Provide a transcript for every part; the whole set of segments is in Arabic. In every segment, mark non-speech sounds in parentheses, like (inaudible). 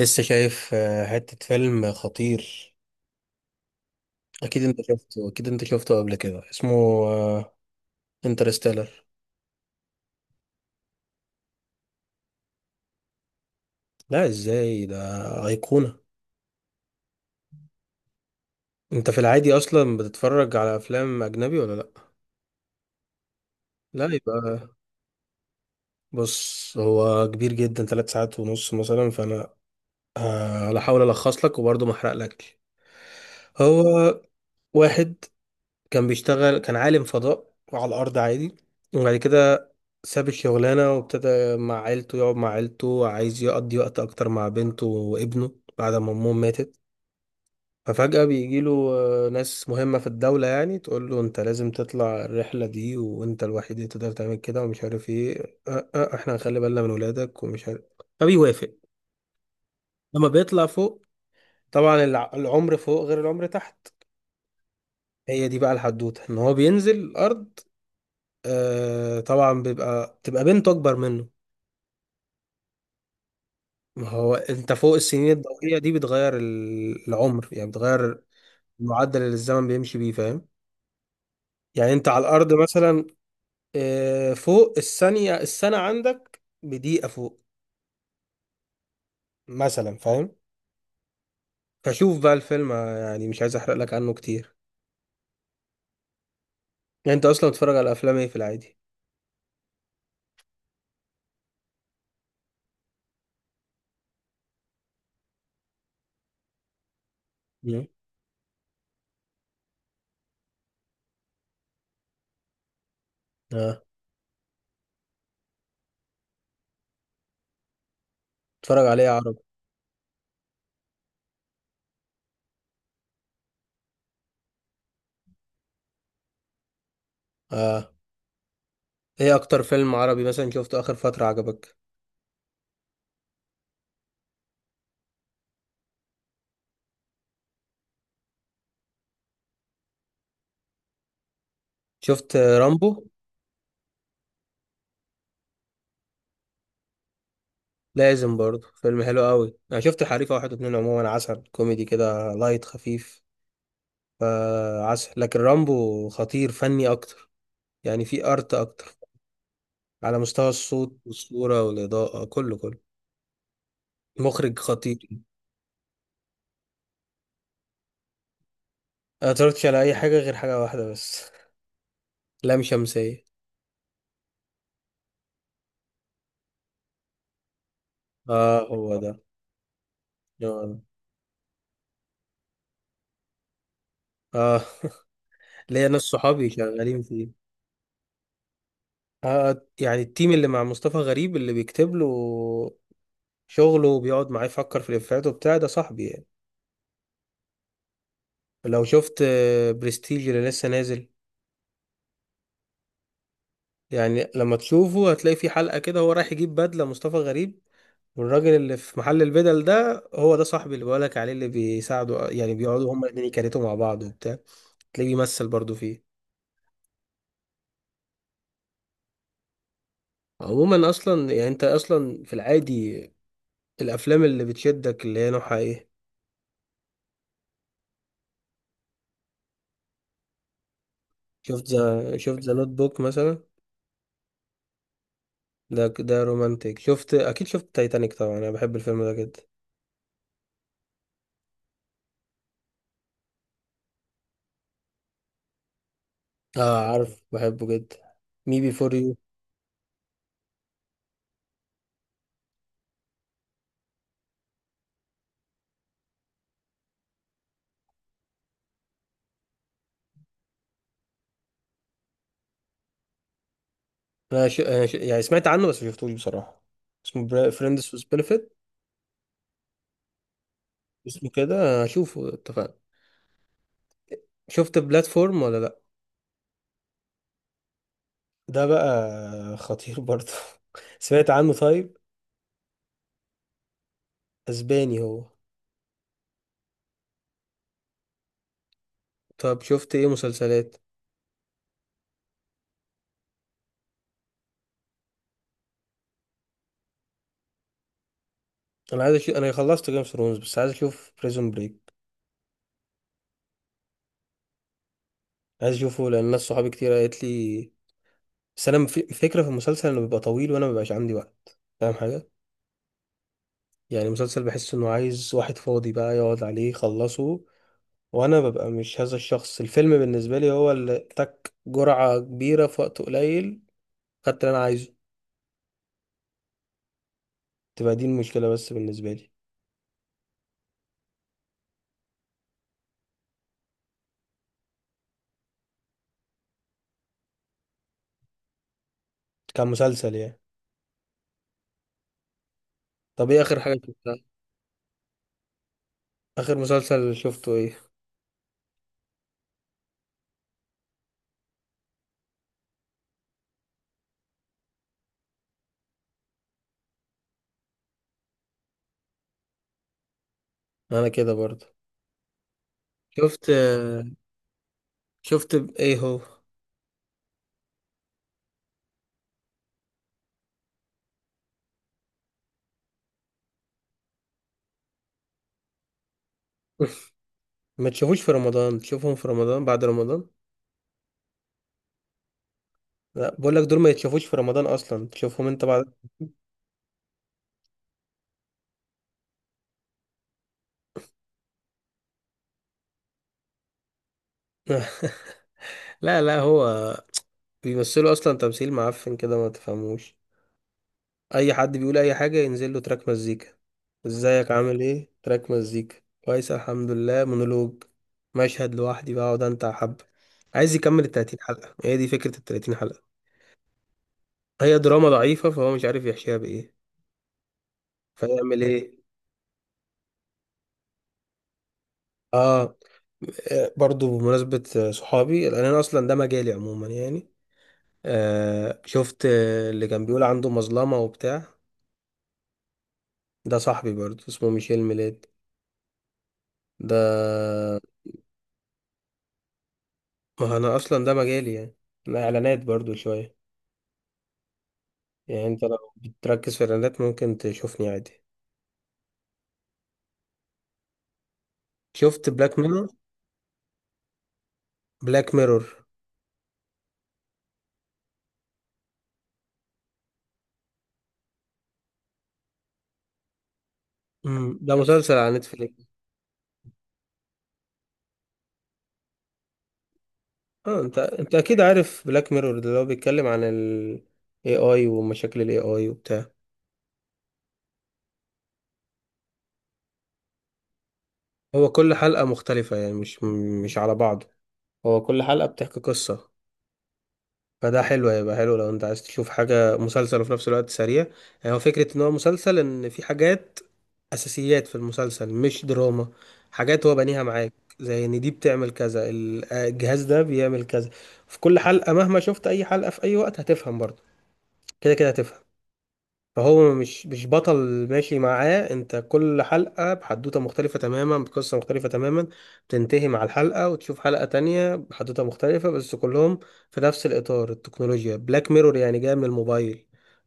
لسه شايف حتة فيلم خطير. أكيد أنت شفته قبل كده، اسمه انترستيلر. لا، إزاي ده؟ أيقونة. أنت في العادي أصلا بتتفرج على أفلام أجنبي ولا لأ؟ لا يبقى. بص، هو كبير جدا، ثلاث ساعات ونص مثلا، فأنا هحاول ألخص لك وبرضه ما أحرقلكش. هو واحد كان بيشتغل، كان عالم فضاء على الأرض عادي. وبعد كده ساب الشغلانة وابتدى مع عيلته، يقعد مع عيلته، عايز يقضي وقت أكتر مع بنته وابنه بعد ما أمهم ماتت. ففجأة بيجيله ناس مهمة في الدولة، يعني تقول له أنت لازم تطلع الرحلة دي وأنت الوحيد اللي تقدر تعمل كده، ومش عارف إيه أه أه إحنا هنخلي بالنا من ولادك ومش عارف. فبيوافق. لما بيطلع فوق، طبعا العمر فوق غير العمر تحت. هي دي بقى الحدوتة، إن هو بينزل الأرض. آه طبعا بيبقى تبقى بنته اكبر منه. ما هو انت فوق السنين الضوئية دي بتغير العمر، يعني بتغير المعدل اللي الزمن بيمشي بيه، فاهم؟ يعني انت على الارض مثلا فوق الثانية، السنة عندك بدقيقة فوق مثلا، فاهم؟ فشوف بقى الفيلم، يعني مش عايز احرق لك عنه كتير. يعني انت اصلا بتتفرج على افلام ايه في العادي؟ مم. اه. بتتفرج على ايه عربي؟ اه. ايه اكتر فيلم عربي مثلا شفته اخر فترة عجبك؟ شفت رامبو؟ لازم برضه، فيلم حلو قوي. انا شفت الحريفه واحد واتنين، عموما عسل، كوميدي كده لايت خفيف، فعسل. لكن رامبو خطير فني اكتر، يعني في ارت اكتر، على مستوى الصوت والصوره والاضاءه، كله كله. مخرج خطير. انا متفرجتش على اي حاجه غير حاجه واحده بس، لام شمسيه. اه هو ده. اه. آه. (laughs) ليا ناس صحابي شغالين فيه. يعني التيم اللي مع مصطفى غريب، اللي بيكتب له شغله وبيقعد معاه يفكر في الإفيهات وبتاع، ده صاحبي يعني. لو شفت برستيج اللي لسه نازل، يعني لما تشوفه هتلاقي في حلقة كده هو رايح يجيب بدلة مصطفى غريب، والراجل اللي في محل البدل ده هو ده صاحبي اللي بقولك عليه، اللي بيساعده، يعني بيقعدوا هما الاتنين يكاريتوا مع بعض وبتاع. تلاقيه بيمثل برضو فيه. عموما اصلا، يعني انت اصلا في العادي الافلام اللي بتشدك اللي هي نوعها ايه؟ شفت ذا نوت بوك مثلا؟ ده رومانتيك. اكيد شفت تايتانيك طبعا، انا بحب الفيلم ده جدا. اه عارف، بحبه جدا. مي بي فور يو، انا ش... أنا ش... يعني سمعت عنه بس ما شفتوش بصراحة. اسمه فريندز وذ بنفيت. اسمه كده، هشوفه، اتفقنا. شفت بلاتفورم ولا لا؟ ده بقى خطير برضه. (laughs) سمعت عنه؟ طيب. اسباني هو. طب شفت ايه مسلسلات؟ انا خلصت جيم اوف ثرونز بس عايز اشوف بريزون بريك. عايز اشوفه لان ناس صحابي كتير قالت لي. بس انا فكرة في المسلسل انه بيبقى طويل، وانا مبيبقاش عندي وقت، فاهم حاجة؟ يعني مسلسل بحس انه عايز واحد فاضي بقى يقعد عليه يخلصه، وانا ببقى مش هذا الشخص. الفيلم بالنسبه لي هو اللي تك جرعه كبيره في وقت قليل، خدت اللي انا عايزه. تبقى دي المشكله بس بالنسبه لي كمسلسل يعني. طب ايه اخر حاجه شفتها؟ اخر مسلسل شفته ايه؟ انا كده برضه. شفت ايه هو؟ (laughs) ما تشوفوش في رمضان، تشوفهم في رمضان بعد رمضان. لا بقول لك دول ما يتشافوش في رمضان اصلا، تشوفهم انت بعد. (laughs) لا لا، هو بيمثلوا اصلا تمثيل معفن كده ما تفهموش. اي حد بيقول اي حاجه ينزل له تراك مزيكا. ازيك عامل ايه، تراك مزيكا. كويس الحمد لله، مونولوج. مشهد لوحدي بقعد انت حب. عايز يكمل ال 30 حلقه، هي دي فكره ال 30 حلقه. هي دراما ضعيفه، فهو مش عارف يحشيها بايه، فيعمل ايه. اه. برضو بمناسبه صحابي، لان انا اصلا ده مجالي عموما يعني. شفت اللي كان بيقول عنده مظلمه وبتاع؟ ده صاحبي برضو اسمه ميشيل ميلاد ده. ما انا اصلا ده مجالي يعني. انا اعلانات برضو شويه، يعني انت لو بتركز في الاعلانات ممكن تشوفني عادي. شفت بلاك ميرور؟ بلاك ميرور. امم، ده مسلسل على نتفليكس. اه، انت اكيد عارف بلاك ميرور ده، اللي هو بيتكلم عن ال AI ومشاكل ال AI وبتاع. هو كل حلقة مختلفة، يعني مش على بعض. هو كل حلقة بتحكي قصة، فده حلو. هيبقى حلو لو انت عايز تشوف حاجة مسلسل وفي نفس الوقت سريع. يعني هو فكرة ان هو مسلسل، ان في حاجات اساسيات في المسلسل، مش دراما، حاجات هو بنيها معاك، زي ان دي بتعمل كذا، الجهاز ده بيعمل كذا. في كل حلقة، مهما شفت اي حلقة في اي وقت هتفهم برضه، كده كده هتفهم. فهو مش بطل ماشي معاه انت. كل حلقة بحدوتة مختلفة تماما، بقصة مختلفة تماما، بتنتهي مع الحلقة وتشوف حلقة تانية بحدوتة مختلفة، بس كلهم في نفس الإطار، التكنولوجيا. بلاك ميرور يعني جاي من الموبايل،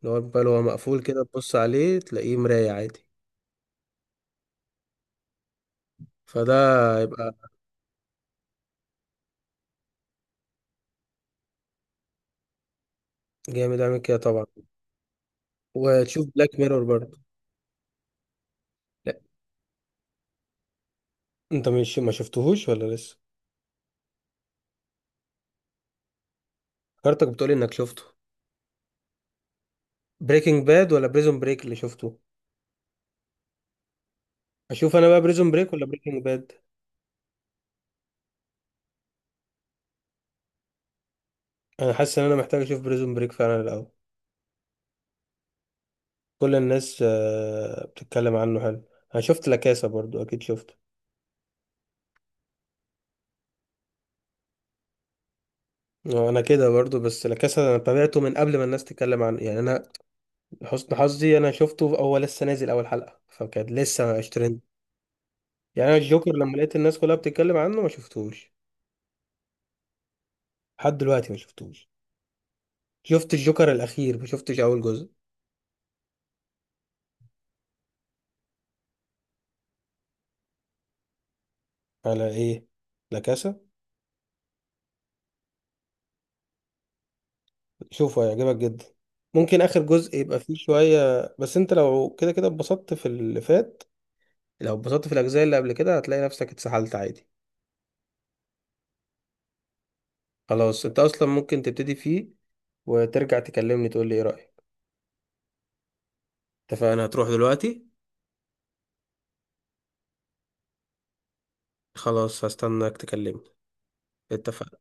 اللي هو الموبايل هو مقفول كده تبص عليه تلاقيه مراية عادي. فده جامد. اعمل كده طبعا، وتشوف بلاك ميرور برضه. لا انت مش ما شفتهوش ولا لسه؟ كارتك بتقولي انك شفته. بريكنج باد ولا بريزون بريك اللي شفته؟ اشوف انا بقى بريزون بريك ولا بريكنج باد؟ انا حاسس ان انا محتاج اشوف بريزون بريك فعلا الاول. كل الناس بتتكلم عنه حلو. انا شفت لاكاسا برضو اكيد شفته. انا كده برضو، بس لاكاسا انا تابعته من قبل ما الناس تتكلم عنه، يعني انا حسن حظي انا شفته هو لسه نازل اول حلقة فكانت لسه اشترين. يعني انا الجوكر لما لقيت الناس كلها بتتكلم عنه ما شفتهوش لحد دلوقتي، ما شفتوش. شفت الجوكر الاخير، ما شفتش اول جزء. على ايه؟ لا كاسا. شوفه، هيعجبك جدا. ممكن اخر جزء يبقى فيه شويه، بس انت لو كده كده اتبسطت في اللي فات، لو اتبسطت في الاجزاء اللي قبل كده هتلاقي نفسك اتسحلت عادي. خلاص، انت اصلا ممكن تبتدي فيه، وترجع تكلمني تقول لي ايه رايك. اتفقنا، هتروح دلوقتي. خلاص هستناك تكلمني. اتفقنا.